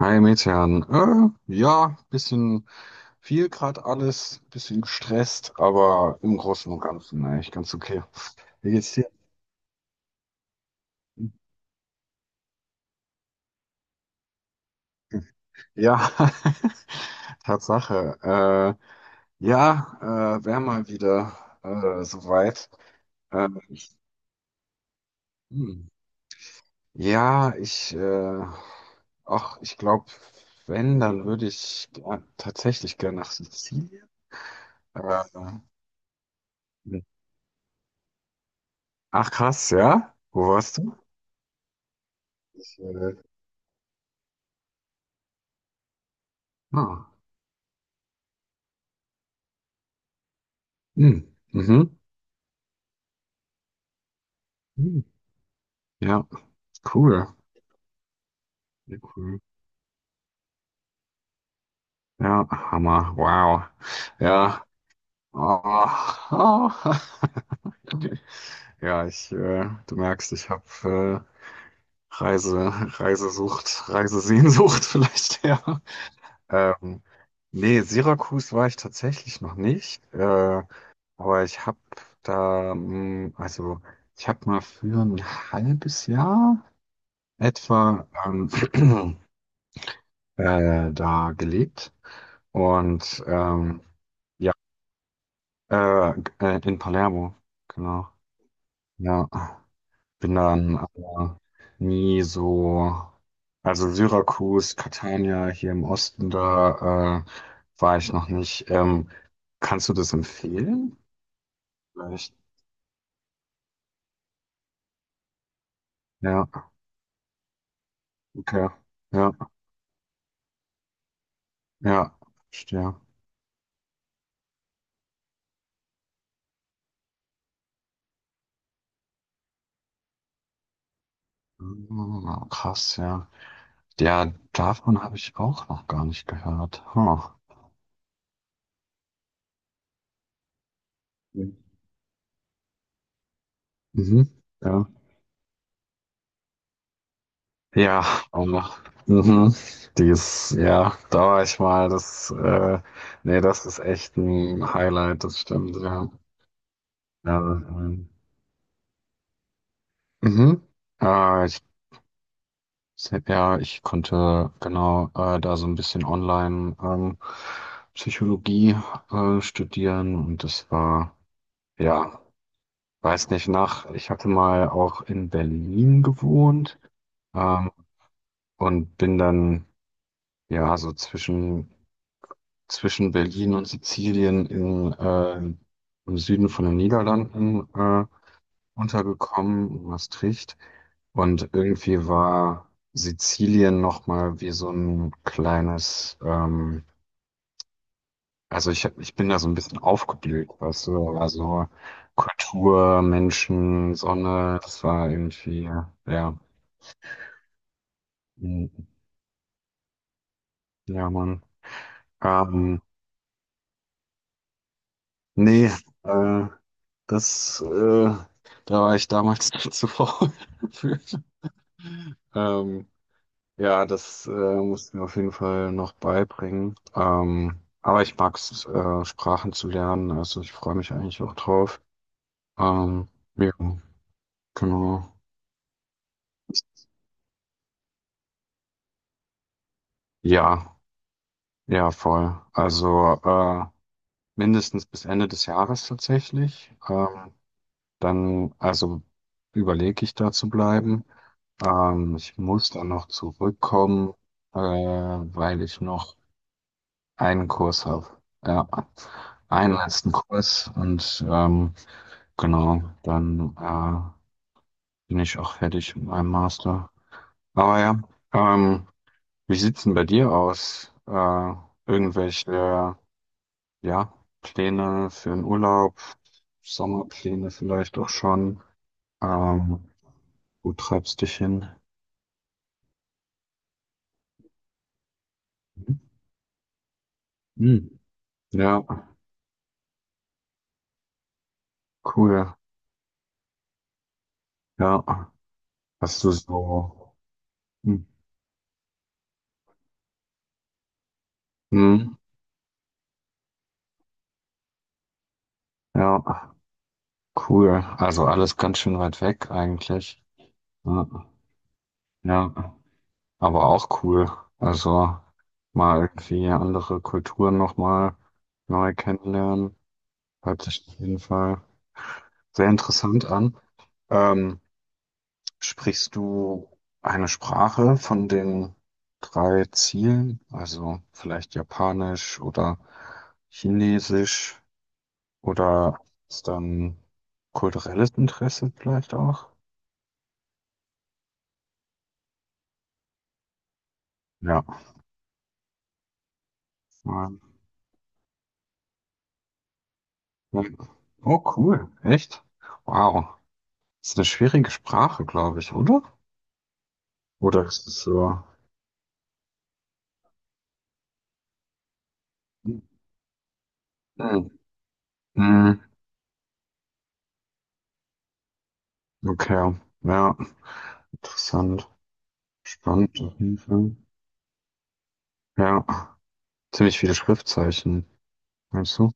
Hi Metehan. Ja, bisschen viel gerade alles, bisschen gestresst, aber im Großen und Ganzen eigentlich ganz okay. Wie geht's dir? Ja, Tatsache. Ja, wär mal wieder soweit. Ähm, hm. Ja, ach, ich glaube, wenn, dann würde ich tatsächlich gerne nach Sizilien. Äh, hm. Ach krass, ja? Wo warst du? Ah. Hm. Mhm. Hm. Ja, cool. Sehr cool. Ja, Hammer. Wow. Ja. Oh. Oh. Ja, du merkst, ich habe Reise, Reisesehnsucht vielleicht, ja. Ähm, Nee, Syrakus war ich tatsächlich noch nicht, aber ich habe da, mh, also ich habe mal für ein halbes Jahr etwa da gelebt. Und ja, in Palermo, genau. Ja, bin dann aber nie so, also Syrakus, Catania hier im Osten, da war ich noch nicht. Kannst du das empfehlen? Vielleicht. Ja, okay. Ja, ja, verstehe. Ah, krass, ja. Ja, davon habe ich auch noch gar nicht gehört. Huh. Mhm. Ja. Ja, ähm, mhm. Die ist, ja, da war ich mal, nee, das ist echt ein Highlight, das stimmt, ja. Ja, mhm. Äh, ich, ja, ich konnte genau da so ein bisschen online Psychologie studieren und das war, ja, weiß nicht, ich hatte mal auch in Berlin gewohnt, ähm, und bin dann, ja, so zwischen Berlin und Sizilien im Süden von den Niederlanden untergekommen, in Maastricht. Und irgendwie war Sizilien nochmal wie so ein kleines, also ich bin da so ein bisschen aufgeblüht, weißt du, aber so Kultur, Menschen, Sonne, das war irgendwie, ja, mm, ja, Mann. Ähm, Nee, äh, das, äh, da war ich damals zu faul für. Ähm, ja, das mussten mir auf jeden Fall noch beibringen. Aber ich mag es, Sprachen zu lernen. Also ich freue mich eigentlich auch drauf. Ähm, ja, genau. Ja, ja, voll. Also mindestens bis Ende des Jahres tatsächlich. Dann, also überlege ich da zu bleiben. Ich muss dann noch zurückkommen, weil ich noch einen Kurs habe. Ja, einen letzten Kurs und genau, dann bin ich auch fertig mit meinem Master. Aber ja, ähm, wie sieht's denn bei dir aus? Irgendwelche, ja, Pläne für den Urlaub, Sommerpläne vielleicht auch schon. Ähm, Wo treibst dich hin? Hm. Ja, cool. Ja, hast du so. Hm. Hm. Ja. Cool. Also alles ganz schön weit weg eigentlich. Ja, ja, aber auch cool. Also mal irgendwie andere Kulturen nochmal neu kennenlernen. Hört sich auf jeden Fall sehr interessant an. Ähm, Sprichst du eine Sprache von den drei Zielen? Also vielleicht Japanisch oder Chinesisch oder ist dann kulturelles Interesse vielleicht auch? Ja. Ja. Oh, cool. Echt? Wow. Ist eine schwierige Sprache, glaube ich, oder? Oder ist es so? Hm. Hm. Okay. Ja, interessant. Spannend auf jeden Fall. Ja, ziemlich viele Schriftzeichen, meinst du?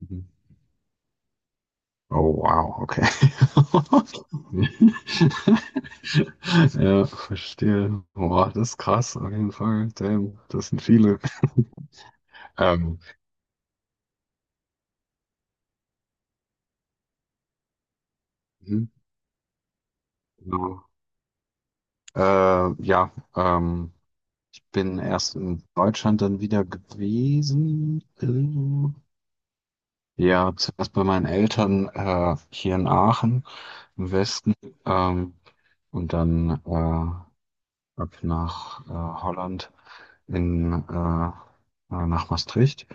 Mhm. Oh, wow, okay. Ja, verstehe. Boah, das ist krass, auf jeden Fall. Damn, das sind viele. Ähm, mhm, genau. Ja, ich bin erst in Deutschland dann wieder gewesen. Ja, zuerst bei meinen Eltern hier in Aachen im Westen, ähm, und dann ab nach Holland, in nach Maastricht.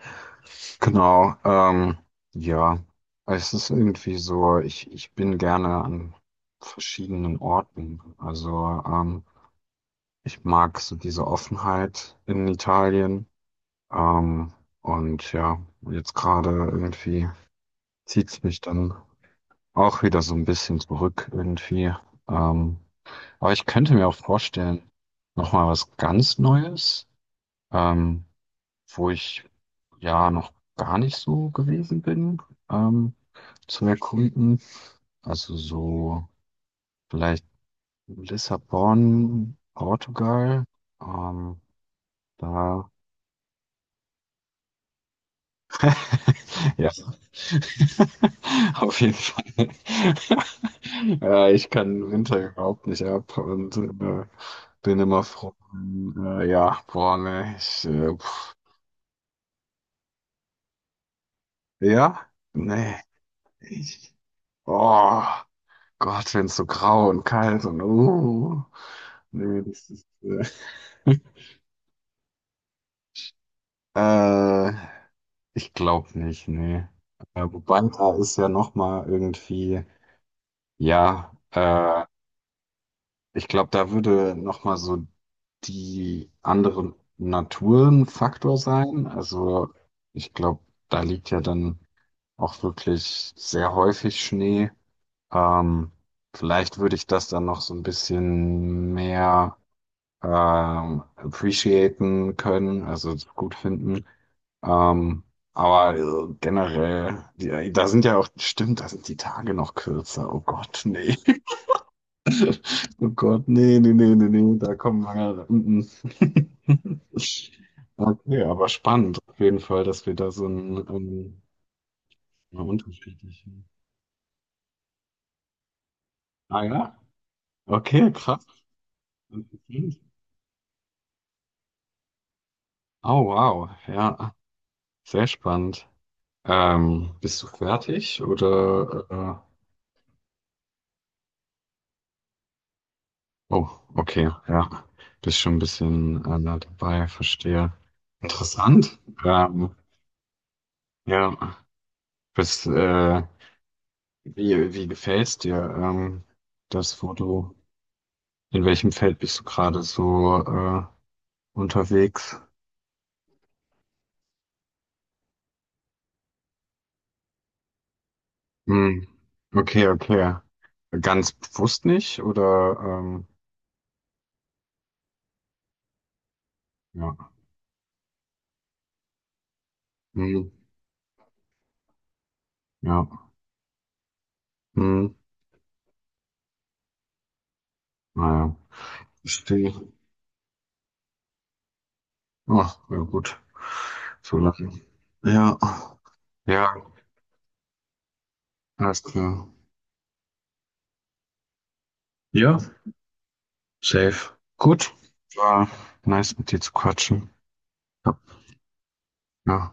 Genau, ja, es ist irgendwie so, ich bin gerne an verschiedenen Orten. Also ich mag so diese Offenheit in Italien. Ähm, und ja, jetzt gerade irgendwie zieht es mich dann auch wieder so ein bisschen zurück irgendwie. Ähm, aber ich könnte mir auch vorstellen, nochmal was ganz Neues, ähm, wo ich ja noch gar nicht so gewesen bin, ähm, zu erkunden. Also so vielleicht Lissabon, Portugal, ähm, da ja, auf jeden Fall. Ja, ich kann Winter überhaupt nicht ab und bin immer froh. Ja, boah, ne, pff, ja, nee, ich, oh Gott, wenn es so grau und kalt und, nee, das ist. äh, äh, Ich glaube nicht, nee. Wobei, da ist ja nochmal irgendwie, ja, ich glaube, da würde nochmal so die andere Natur ein Faktor sein. Also ich glaube, da liegt ja dann auch wirklich sehr häufig Schnee. Ähm, Vielleicht würde ich das dann noch so ein bisschen mehr appreciaten können, also gut finden. Ähm, aber generell, da sind ja auch, stimmt, da sind die Tage noch kürzer. Oh Gott, nee. Oh Gott, nee, nee, nee, nee, nee, da kommen wir. Mm, mm. Okay, aber spannend auf jeden Fall, dass wir da so einen unterschiedlichen. Ah ja? Okay, krass. Interessant. Oh wow, ja, sehr spannend. Bist du fertig oder? Oh, okay, ja. Bist schon ein bisschen nah dabei, verstehe. Interessant. Ähm, ja, bist wie gefällt's dir, das Foto? In welchem Feld bist du gerade so, unterwegs? Hm. Okay, okay. Ganz bewusst nicht, oder, ja. Hm. Ja. Hm. Naja. Verstehe. Ach, ja gut. So lachen. Ja. Ja, alles klar. Ja, safe. Gut. War nice mit dir zu quatschen. Ja. Ja.